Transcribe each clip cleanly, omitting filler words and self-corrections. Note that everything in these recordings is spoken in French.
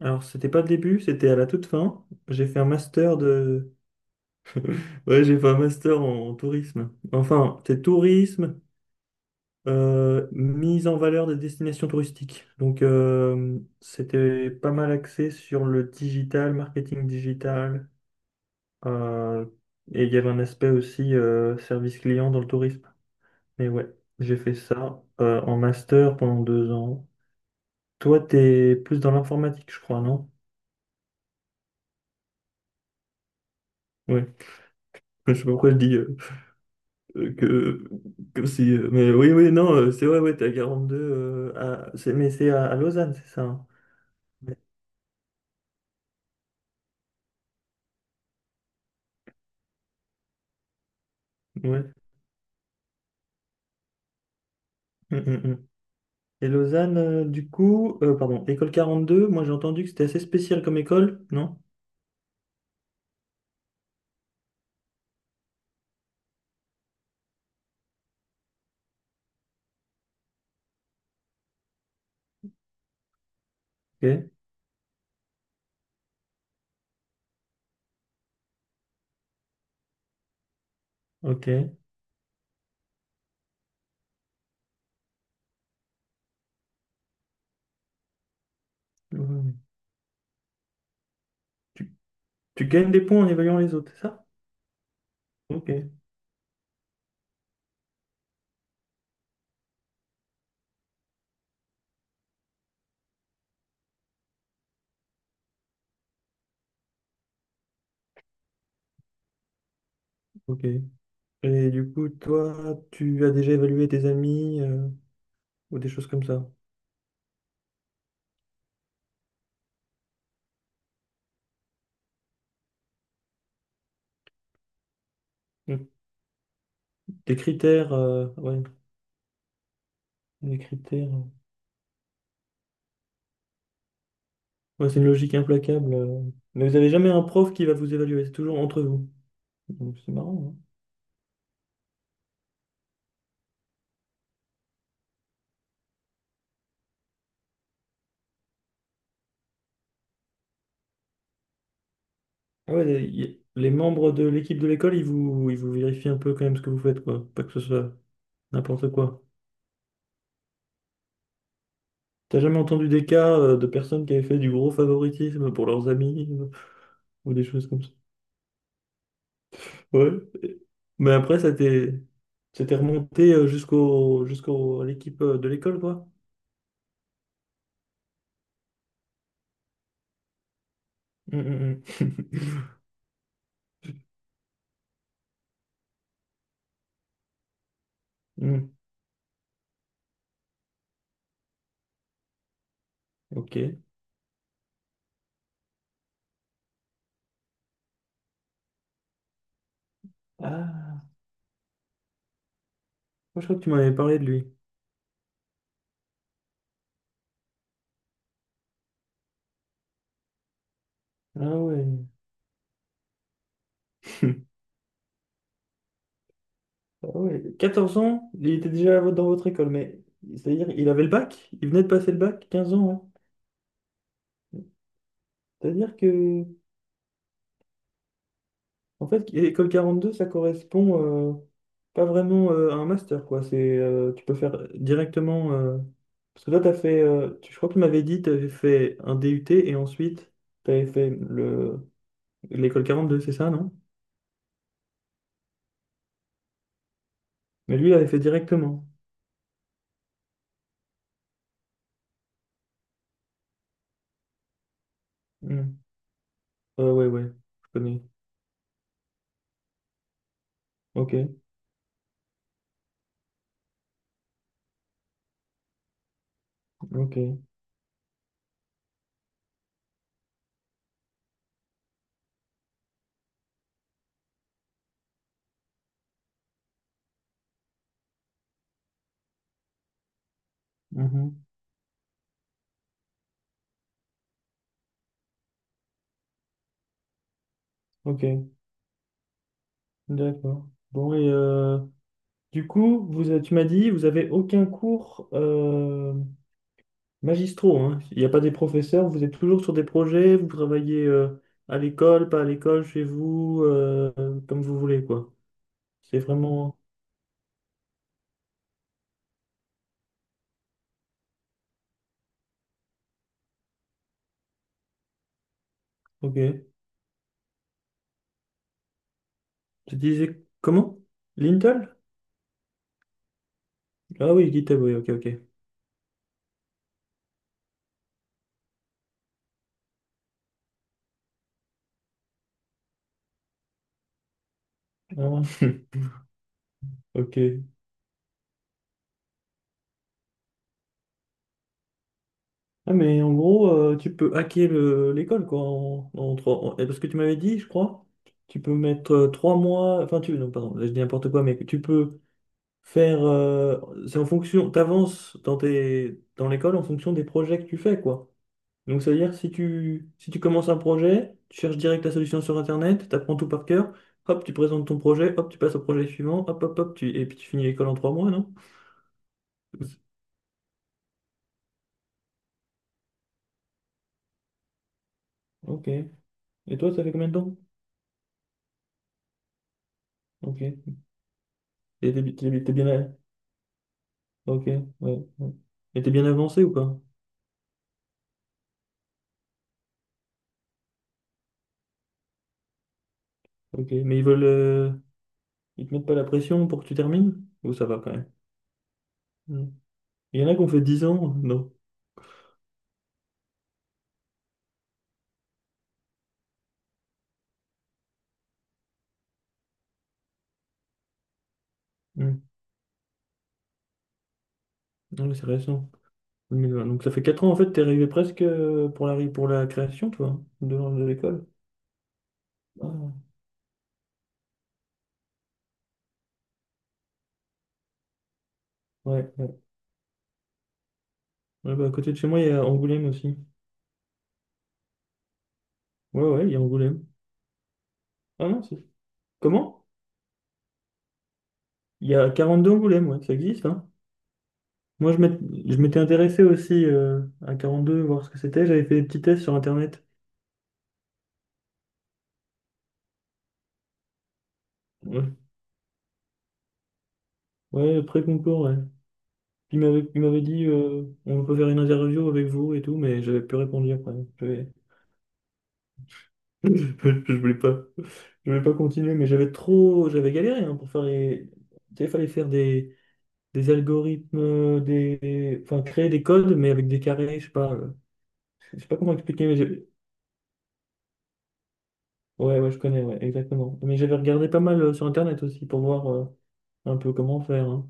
Alors, c'était pas le début, c'était à la toute fin. J'ai fait un master de... Ouais, j'ai fait un master en tourisme. Enfin, c'est tourisme, mise en valeur des destinations touristiques. Donc, c'était pas mal axé sur le digital, marketing digital. euh, et il y avait un aspect aussi service client dans le tourisme. Mais ouais, j'ai fait ça en master pendant 2 ans. Toi, t'es plus dans l'informatique, je crois, non? Oui. Je sais pas pourquoi je dis... Que, comme si, mais oui, oui, non, c'est vrai, ouais, t'es à 42, mais c'est à Lausanne, c'est ça, hein. Ouais. Mm, mm, mm. Et Lausanne, du coup, pardon, école 42, moi j'ai entendu que c'était assez spécial comme école, non? Ok, ok. Ouais. Tu, tu gagnes des points en évaluant les autres, c'est ça? Ok, ok. Et du coup, toi, tu as déjà évalué tes amis ou des choses comme ça? Mm. Des critères, ouais, des critères. Ouais, c'est une logique implacable, Mais vous n'avez jamais un prof qui va vous évaluer, c'est toujours entre vous. Donc c'est marrant, hein. Ah ouais, les membres de l'équipe de l'école, ils vous vérifient un peu quand même ce que vous faites, quoi. Pas que ce soit n'importe quoi. T'as jamais entendu des cas de personnes qui avaient fait du gros favoritisme pour leurs amis, ou des choses comme ça? Ouais. Et- Mais après, ça t'est remonté à l'équipe de l'école, quoi. Hum, hum, hum. Hum, ok. Ah, moi, je crois que tu m'avais parlé de lui. Ah ouais. Ah ouais, 14 ans, il était déjà dans votre école, mais c'est-à-dire il avait le bac, il venait de passer le bac, 15 ans, hein. C'est-à-dire que, en fait, école 42, ça correspond pas vraiment à un master, quoi. C'est, tu peux faire directement, parce que toi, t'as fait, je crois que tu m'avais dit, tu avais fait un DUT et ensuite, tu avais fait le... l'école 42, c'est ça, non? Mais lui, il avait fait directement. Hmm. Ouais, ouais, je connais. Ok, ok. Mhm. Ok, d'accord. Bon, du coup, vous, tu m'as dit, vous avez aucun cours magistraux, hein. Il n'y a pas des professeurs, vous êtes toujours sur des projets, vous travaillez à l'école, pas à l'école, chez vous, comme vous voulez, quoi. C'est vraiment... Ok. Tu disais comment? Lintel? Ah oui, GitHub, oui, ok, ok. Ah, ok. Ah, mais en gros, tu peux hacker l'école, quoi, en trois... parce que tu m'avais dit, je crois, tu peux mettre 3 mois... Enfin, tu... Non, pardon, je dis n'importe quoi, mais tu peux faire, c'est en fonction, t'avances dans tes dans l'école en fonction des projets que tu fais, quoi. Donc c'est à dire, si tu commences un projet, tu cherches direct la solution sur internet, t'apprends tout par cœur, hop tu présentes ton projet, hop tu passes au projet suivant, hop hop hop tu et puis tu finis l'école en 3 mois, non? Ok, et toi, ça fait combien de temps? Ok. et t'es bi- t'es- bi- t'es bien à- ok, ouais, ouais. Et t'es bien avancé ou pas? Ok, mais ils te mettent pas la pression pour que tu termines ou ça va quand même? Non. Il y en a qui ont fait 10 ans, non? Hmm. Ah oui, c'est récent. 2020. Donc ça fait 4 ans, en fait, t'es arrivé presque pour la, pour la création, toi, de l'école. Ah, ouais, ouais. Ouais, bah, à côté de chez moi, il y a Angoulême aussi. Ouais, ouais, il y a Angoulême. Ah non, c'est... Comment? Il y a 42 Angoulême, ouais, ça existe, hein. Moi, je m'étais intéressé aussi, à 42, voir ce que c'était. J'avais fait des petits tests sur Internet. Ouais, ouais, pré-concours, ouais. Il m'avait dit, on peut faire une interview avec vous et tout, mais j'avais plus répondu après. J'avais... Je voulais pas, continuer, mais j'avais galéré, hein, pour faire les... Tu sais, il fallait faire des algorithmes, des, enfin créer des codes, mais avec des carrés, je sais pas, euh, comment expliquer, mais ouais, ouais, je connais, ouais, exactement. Mais j'avais regardé pas mal sur Internet aussi pour voir un peu comment faire, hein.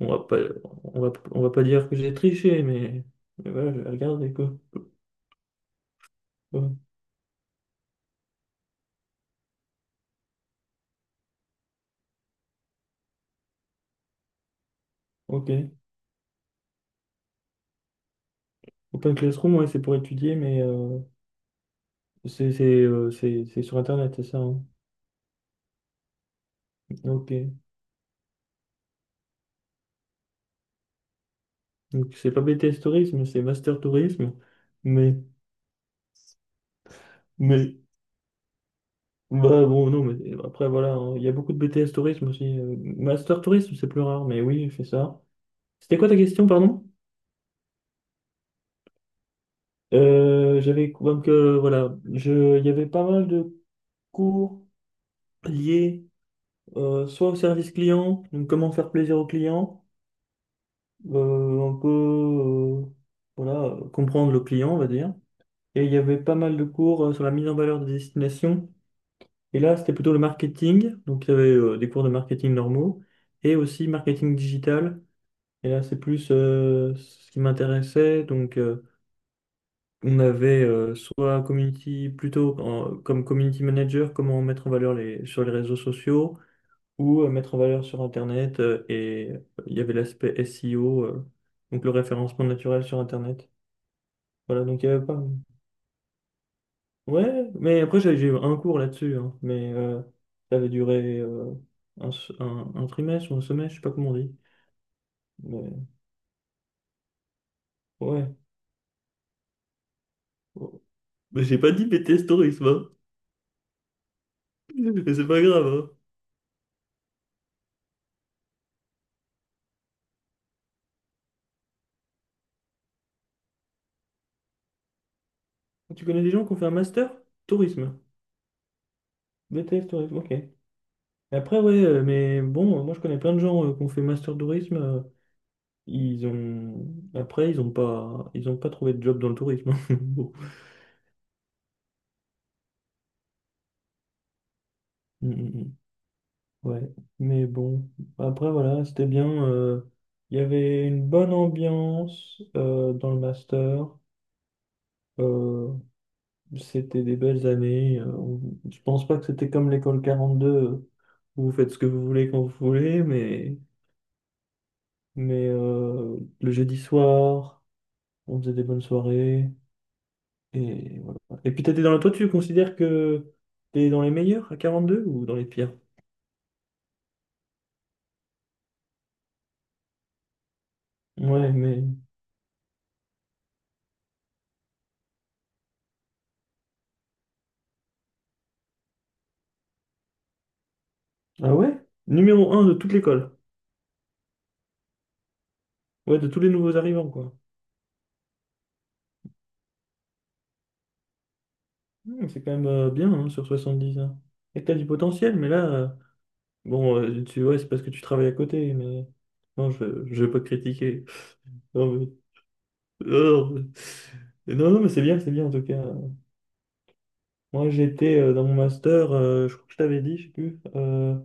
On va pas, on va pas dire que j'ai triché, mais, voilà, j'ai regardé, quoi. Ouais, ok. Open Classroom, ouais, c'est pour étudier, mais c'est sur Internet, c'est ça, hein. Ok. Donc c'est pas BTS Tourisme, c'est Master Tourisme. Mais, mais, bah bon, non, mais après voilà, hein, il y a beaucoup de BTS Tourisme aussi, Master Tourisme, c'est plus rare, mais oui, je fais ça. C'était quoi ta question, pardon? J'avais, donc voilà, il y avait pas mal de cours liés, soit au service client, donc comment faire plaisir au client, euh, un peu, euh, voilà, comprendre le client, on va dire. Et il y avait pas mal de cours sur la mise en valeur des destinations. Et là, c'était plutôt le marketing. Donc, il y avait des cours de marketing normaux et aussi marketing digital. Et là, c'est plus ce qui m'intéressait. Donc, on avait soit community, plutôt comme community manager, comment mettre en valeur sur les réseaux sociaux ou mettre en valeur sur Internet. Il y avait l'aspect SEO, donc le référencement naturel sur Internet. Voilà, donc il y avait pas... Ouais, mais après j'ai eu un cours là-dessus, hein, mais ça avait duré un trimestre ou un semestre, je sais pas comment on dit. Mais ouais. Mais j'ai pas dit BTS tourisme, hein. Mais c'est pas grave, hein. Tu connais des gens qui ont fait un master? Tourisme. BTS tourisme, ok. Et après, ouais, mais bon, moi je connais plein de gens qui ont fait master tourisme, ils ont... Après, ils ont pas trouvé de job dans le tourisme. Bon. Mm, mm, mm. Ouais, mais bon, après voilà, c'était bien, il y avait une bonne ambiance dans le master. euh, C'était des belles années. Je pense pas que c'était comme l'école 42, où vous faites ce que vous voulez quand vous voulez, mais, le jeudi soir, on faisait des bonnes soirées. Et voilà. Et puis t'étais dans la... Toi, tu considères que t'es dans les meilleurs à 42 ou dans les pires? Ouais, mais... Ah ouais? Numéro un de toute l'école. Ouais, de tous les nouveaux arrivants, quoi. Hmm, c'est quand même bien, hein, sur 70 ans. Et t'as du potentiel, mais là, ouais, c'est parce que tu travailles à côté, mais non, je vais pas te critiquer. Non, mais, oh, non, non, mais c'est bien en tout cas. Moi, j'étais dans mon master, je crois que je t'avais dit, je sais plus.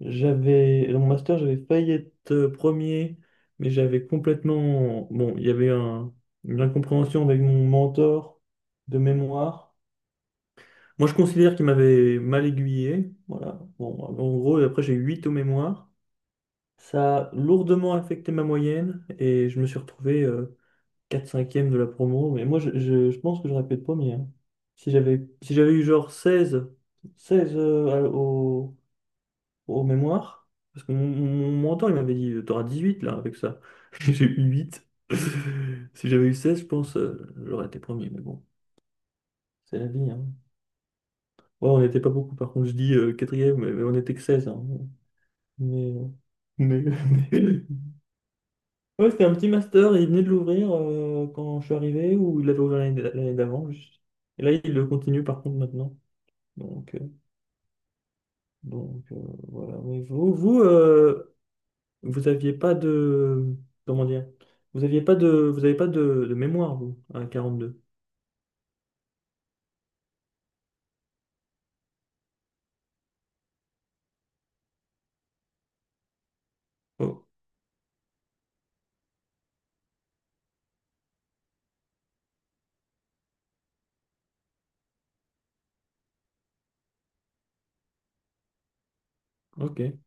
J'avais, dans mon master, j'avais failli être premier, mais j'avais complètement... Bon, il y avait une incompréhension avec mon mentor de mémoire. Moi, je considère qu'il m'avait mal aiguillé. Voilà. Bon, en gros, après, j'ai 8 au mémoire. Ça a lourdement affecté ma moyenne et je me suis retrouvé 4-5e de la promo. Mais moi, je pense que j'aurais pu être premier, hein. Si j'avais eu genre 16, 16 euh, à- au, au mémoire, parce que mon mentor, il m'avait dit, t'auras 18 là avec ça. J'ai eu 8. Si j'avais eu 16, je pense, j'aurais été premier. Mais bon, c'est la vie, hein. Ouais, on n'était pas beaucoup, par contre, je dis quatrième, mais, on n'était que 16, hein. Mais, mais- mais- Ouais, c'était un petit master, il venait de l'ouvrir quand je suis arrivé, ou il l'avait ouvert l'année d'avant. Juste. Et là, il le continue, par contre, maintenant. Donc, euh, donc euh, voilà. Mais vous, vous aviez pas de... Comment dire? Vous aviez pas de... Vous avez pas de mémoire, vous, à 42. Oh, ok.